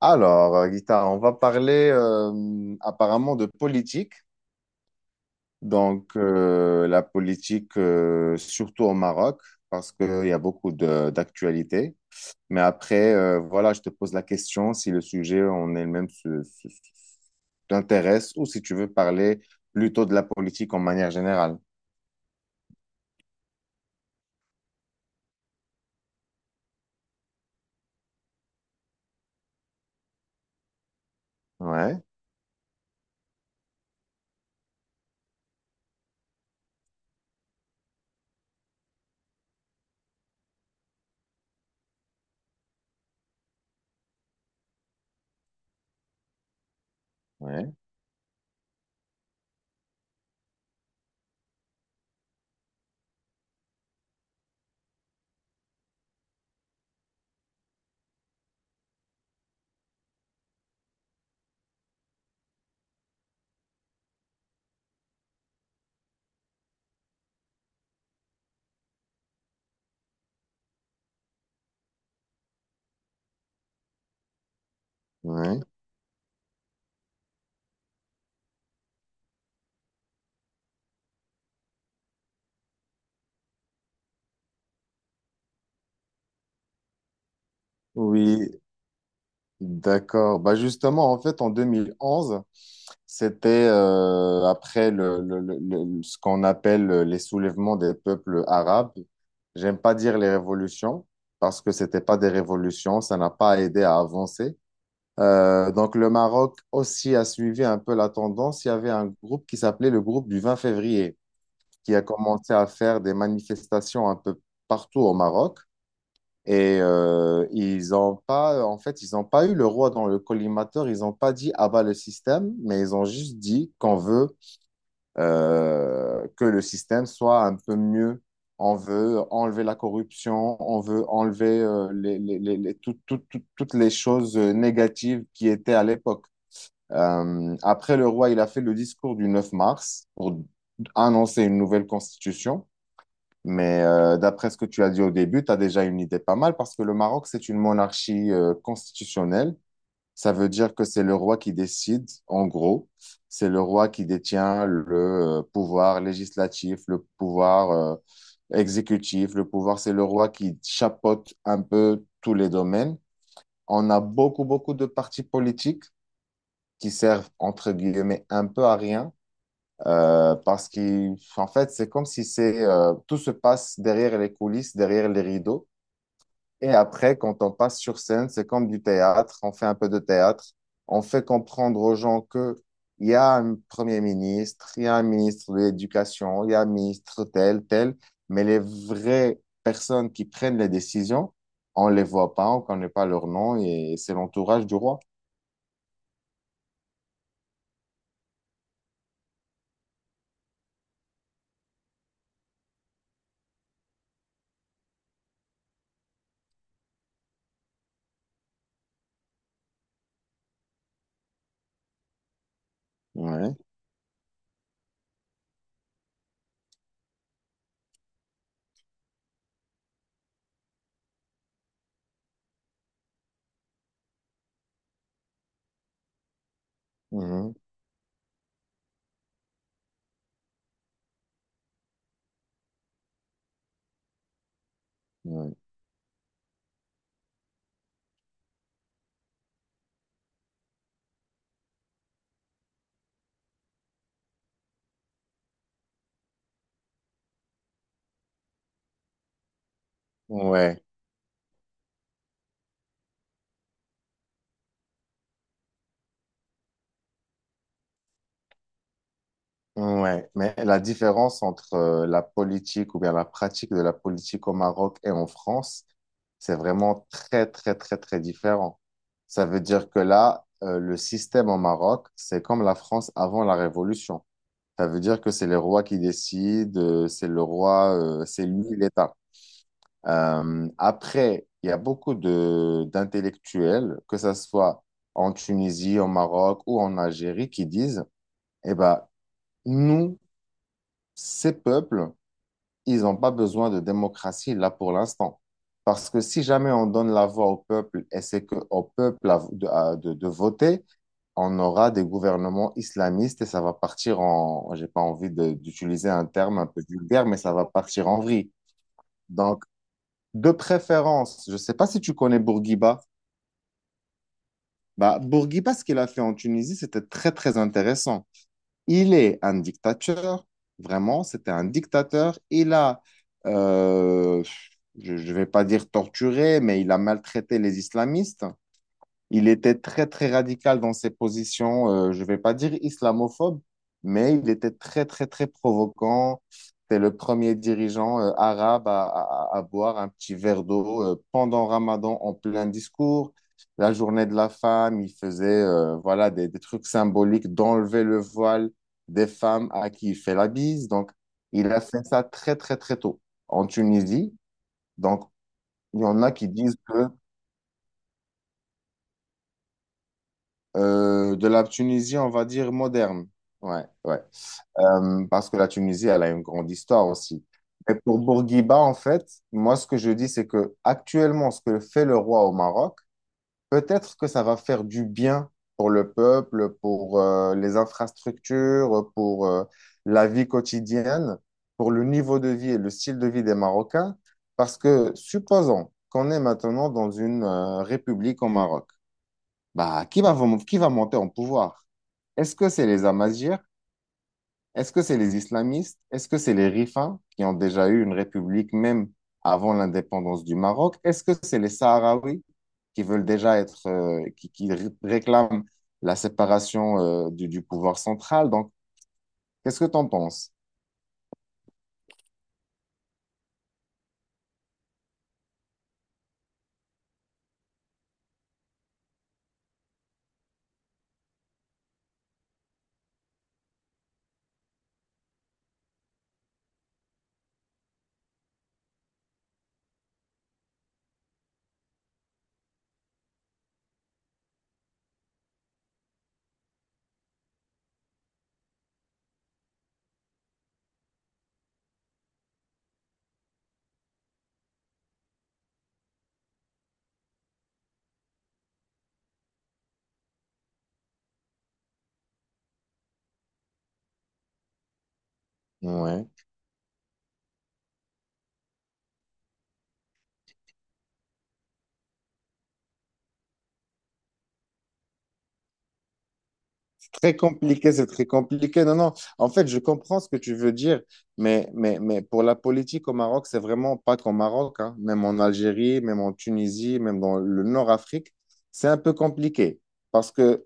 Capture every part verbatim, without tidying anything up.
Alors, euh, Guita, on va parler euh, apparemment de politique. Donc, euh, la politique, euh, surtout au Maroc, parce qu'il y a beaucoup de- d'actualités. Mais après, euh, voilà, je te pose la question si le sujet en elle-même se- se- se- t'intéresse ou si tu veux parler plutôt de la politique en manière générale. Ouais, ouais, ouais. Oui, D'accord. Bah justement, en fait, en deux mille onze, c'était euh, après le, le- le- le- ce qu'on appelle les soulèvements des peuples arabes. J'aime pas dire les révolutions parce que c'était pas des révolutions, ça n'a pas aidé à avancer. Euh, donc le Maroc aussi a suivi un peu la tendance. Il y avait un groupe qui s'appelait le groupe du vingt février qui a commencé à faire des manifestations un peu partout au Maroc. Et euh, ils n'ont pas, en fait, ils n'ont pas eu le roi dans le collimateur. Ils n'ont pas dit abat le système, mais ils ont juste dit qu'on veut euh, que le système soit un peu mieux. On veut enlever la corruption, on veut enlever euh, les, les- les- les- tout- tout- tout- toutes les choses euh, négatives qui étaient à l'époque. Euh, après, le roi, il a fait le discours du neuf mars pour annoncer une nouvelle constitution. Mais euh, d'après ce que tu as dit au début, tu as déjà une idée pas mal parce que le Maroc, c'est une monarchie euh, constitutionnelle. Ça veut dire que c'est le roi qui décide, en gros. C'est le roi qui détient le euh, pouvoir législatif, le pouvoir euh, exécutif, le pouvoir. C'est le roi qui chapeaute un peu tous les domaines. On a beaucoup, beaucoup de partis politiques qui servent, entre guillemets, un peu à rien euh, parce qu'en fait, c'est comme si c'est euh, tout se passe derrière les coulisses, derrière les rideaux. Et après, quand on passe sur scène, c'est comme du théâtre. On fait un peu de théâtre. On fait comprendre aux gens que il y a un premier ministre, il y a un ministre de l'éducation, il y a un ministre tel, tel. Mais les vraies personnes qui prennent les décisions, on les voit pas, on connaît pas leur nom et c'est l'entourage du roi. Ouais. Mhm. Ouais. Ouais. Ouais, mais la différence entre euh, la politique ou bien la pratique de la politique au Maroc et en France, c'est vraiment très, très, très, très différent. Ça veut dire que là, euh, le système au Maroc, c'est comme la France avant la Révolution. Ça veut dire que c'est les rois qui décident, euh, c'est le roi, euh, c'est lui l'État. Euh, après, il y a beaucoup de d'intellectuels, que ça soit en Tunisie, au Maroc ou en Algérie, qui disent, eh ben, nous, ces peuples, ils n'ont pas besoin de démocratie là pour l'instant. Parce que si jamais on donne la voix au peuple et c'est que au peuple à- de, à- de- de voter, on aura des gouvernements islamistes et ça va partir en, j'ai pas envie de- d'utiliser un terme un peu vulgaire, mais ça va partir en vrille. Donc, de préférence, je ne sais pas si tu connais Bourguiba. Bah, Bourguiba, ce qu'il a fait en Tunisie, c'était très, très intéressant. Il est un dictateur, vraiment, c'était un dictateur. Il a, euh, je ne vais pas dire torturé, mais il a maltraité les islamistes. Il était très, très radical dans ses positions, euh, je ne vais pas dire islamophobe, mais il était très, très, très provocant. C'était le premier dirigeant euh, arabe à, à- à boire un petit verre d'eau euh, pendant Ramadan en plein discours. La journée de la femme, il faisait euh, voilà, des, des trucs symboliques d'enlever le voile des femmes à qui il fait la bise. Donc, il a fait ça très, très, très tôt en Tunisie. Donc, il y en a qui disent que Euh, de la Tunisie, on va dire moderne. Ouais, ouais. Euh, parce que la Tunisie, elle a une grande histoire aussi. Et pour Bourguiba, en fait, moi, ce que je dis, c'est que actuellement, ce que fait le roi au Maroc, peut-être que ça va faire du bien pour le peuple, pour euh, les infrastructures, pour euh, la vie quotidienne, pour le niveau de vie et le style de vie des Marocains. Parce que supposons qu'on est maintenant dans une euh, république au Maroc. Bah, qui va, vraiment- qui va monter en pouvoir? Est-ce que c'est les Amazighs? Est-ce que c'est les islamistes? Est-ce que c'est les Rifains qui ont déjà eu une république même avant l'indépendance du Maroc? Est-ce que c'est les Sahraouis qui veulent déjà être, euh, qui, qui ré- réclament la séparation, euh, du, du pouvoir central? Donc, qu'est-ce que tu en penses? Ouais. très compliqué, c'est très compliqué. Non, non, en fait, je comprends ce que tu veux dire, mais, mais, mais pour la politique au Maroc, c'est vraiment pas qu'au Maroc, hein. Même en Algérie, même en Tunisie, même dans le Nord-Afrique, c'est un peu compliqué. Parce que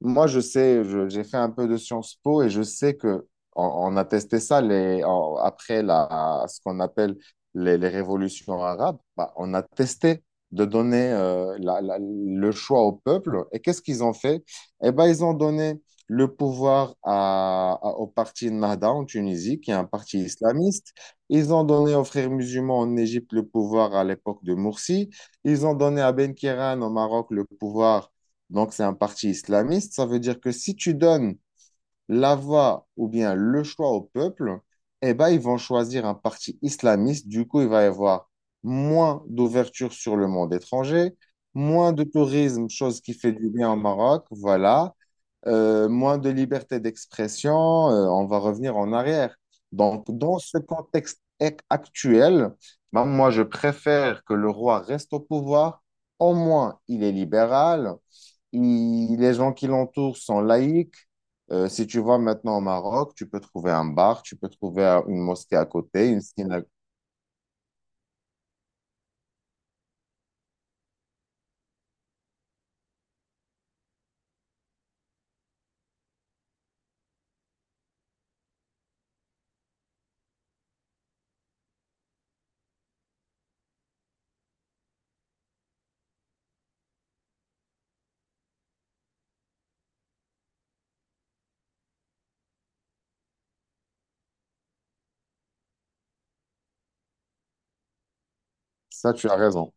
moi, je sais, je- j'ai fait un peu de Sciences Po et je sais que on, on a testé ça les, en- après la, ce qu'on appelle les, les révolutions arabes. Bah, on a testé de donner euh, la- la- le choix au peuple. Et qu'est-ce qu'ils ont fait? Eh ben, ils ont donné le pouvoir à, à- au parti Ennahda en Tunisie, qui est un parti islamiste. Ils ont donné aux frères musulmans en Égypte le pouvoir à l'époque de Morsi. Ils ont donné à Ben Khéran au Maroc le pouvoir donc, c'est un parti islamiste. Ça veut dire que si tu donnes la voix ou bien le choix au peuple, eh ben, ils vont choisir un parti islamiste. Du coup, il va y avoir moins d'ouverture sur le monde étranger, moins de tourisme, chose qui fait du bien au Maroc, voilà, Euh, moins de liberté d'expression, euh, on va revenir en arrière. Donc, dans ce contexte ac- actuel, ben, moi, je préfère que le roi reste au pouvoir. Au moins, il est libéral. Il- les gens qui l'entourent sont laïcs. Euh, si tu vas maintenant au Maroc, tu peux trouver un bar, tu peux trouver euh, une mosquée à côté, une synagogue. Ça, tu as raison.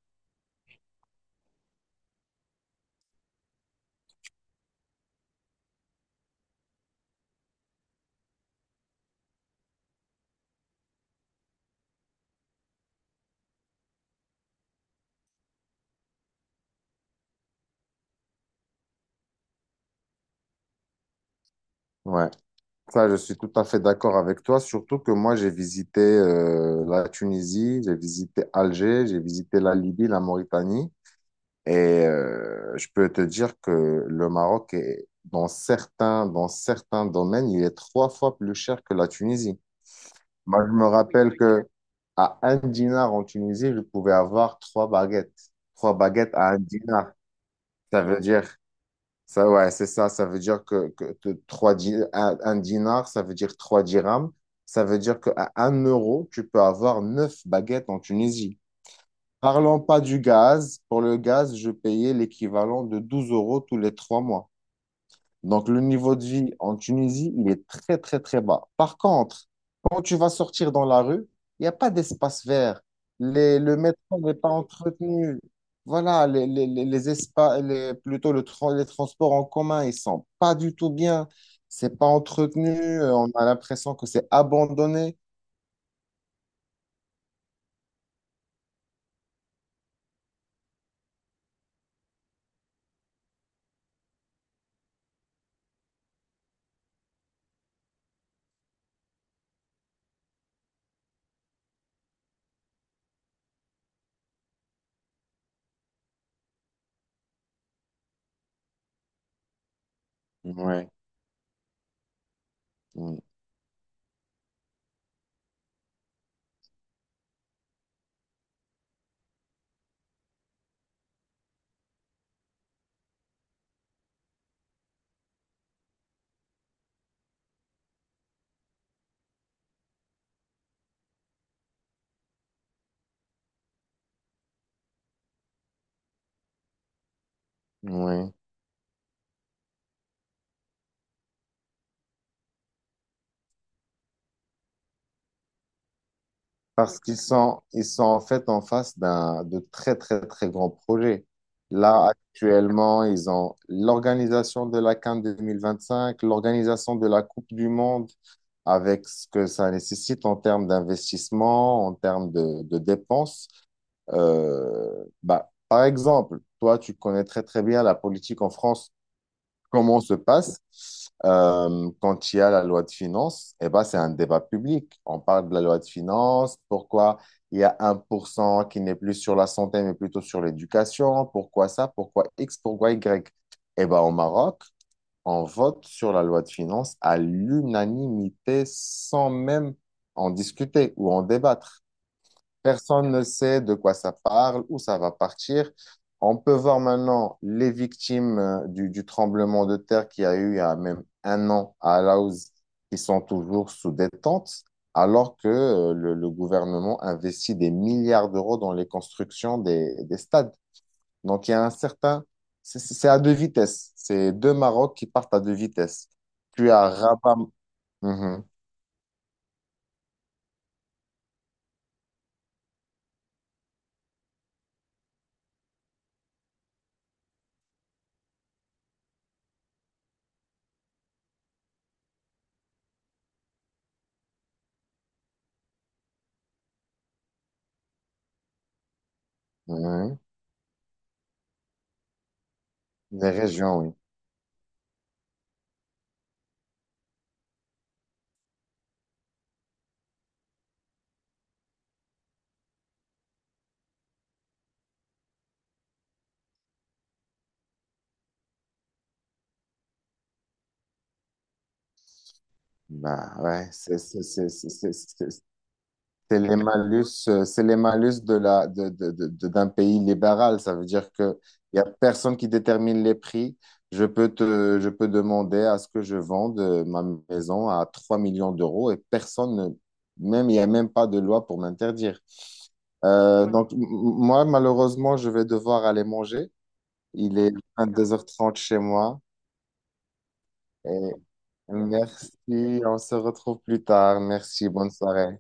Ouais. Ça, je suis tout à fait d'accord avec toi, surtout que moi, j'ai visité euh, la Tunisie, j'ai visité Alger, j'ai visité la Libye, la Mauritanie. Et euh, je peux te dire que le Maroc est, dans certains, dans certains domaines, il est trois fois plus cher que la Tunisie. Moi, je me rappelle que à un dinar en Tunisie, je pouvais avoir trois baguettes. Trois baguettes à un dinar. Ça veut dire, ça, ouais, c'est ça. Ça veut dire que, que que trois di- un, un dinar, ça veut dire trois dirhams. Ça veut dire qu'à un euro, tu peux avoir neuf baguettes en Tunisie. Parlons pas du gaz. Pour le gaz, je payais l'équivalent de douze euros tous les trois mois. Donc, le niveau de vie en Tunisie, il est très, très, très bas. Par contre, quand tu vas sortir dans la rue, il n'y a pas d'espace vert. Les- le métro n'est pas entretenu. Voilà, les, les, les, les espaces, les- plutôt le tra- les transports en commun, ils sont pas du tout bien. C'est pas entretenu. euh, On a l'impression que c'est abandonné. Ouais, oui, oui. Parce qu'ils sont, ils sont en fait en face d'un, de très, très, très grands projets. Là, actuellement, ils ont l'organisation de la CAN deux mille vingt-cinq, l'organisation de la Coupe du Monde, avec ce que ça nécessite en termes d'investissement, en termes de, de dépenses. Euh, bah, par exemple, toi, tu connais très, très bien la politique en France comment se passe euh, quand il y a la loi de finances, eh ben, c'est un débat public. On parle de la loi de finances, pourquoi il y a un pour cent qui n'est plus sur la santé, mais plutôt sur l'éducation, pourquoi ça, pourquoi X, pourquoi Y. Eh ben, au Maroc, on vote sur la loi de finances à l'unanimité sans même en discuter ou en débattre. Personne ne sait de quoi ça parle, où ça va partir. On peut voir maintenant les victimes euh, du, du tremblement de terre qui a eu il y a même un an à Alaouz qui sont toujours sous détente, alors que euh, le, le gouvernement investit des milliards d'euros dans les constructions des, des stades. Donc il y a un certain... C'est c'est- c'est à deux vitesses. C'est deux Maroc qui partent à deux vitesses. Tu as Rabat... Mhm, mhm. Des régions, oui. Bah ouais, c'est c'est- c'est- c'est- c'est- c'est- C'est les malus, euh, c'est les malus de la, de, de- de- de- d'un pays libéral. Ça veut dire que il y a personne qui détermine les prix. Je peux te, je peux demander à ce que je vende euh, ma maison à trois millions d'euros et personne, ne- même, il n'y a même pas de loi pour m'interdire. Euh, Ouais. donc, m- m- moi, malheureusement, je vais devoir aller manger. Il est deux heures trente chez moi. Et merci, on se retrouve plus tard. Merci, bonne soirée.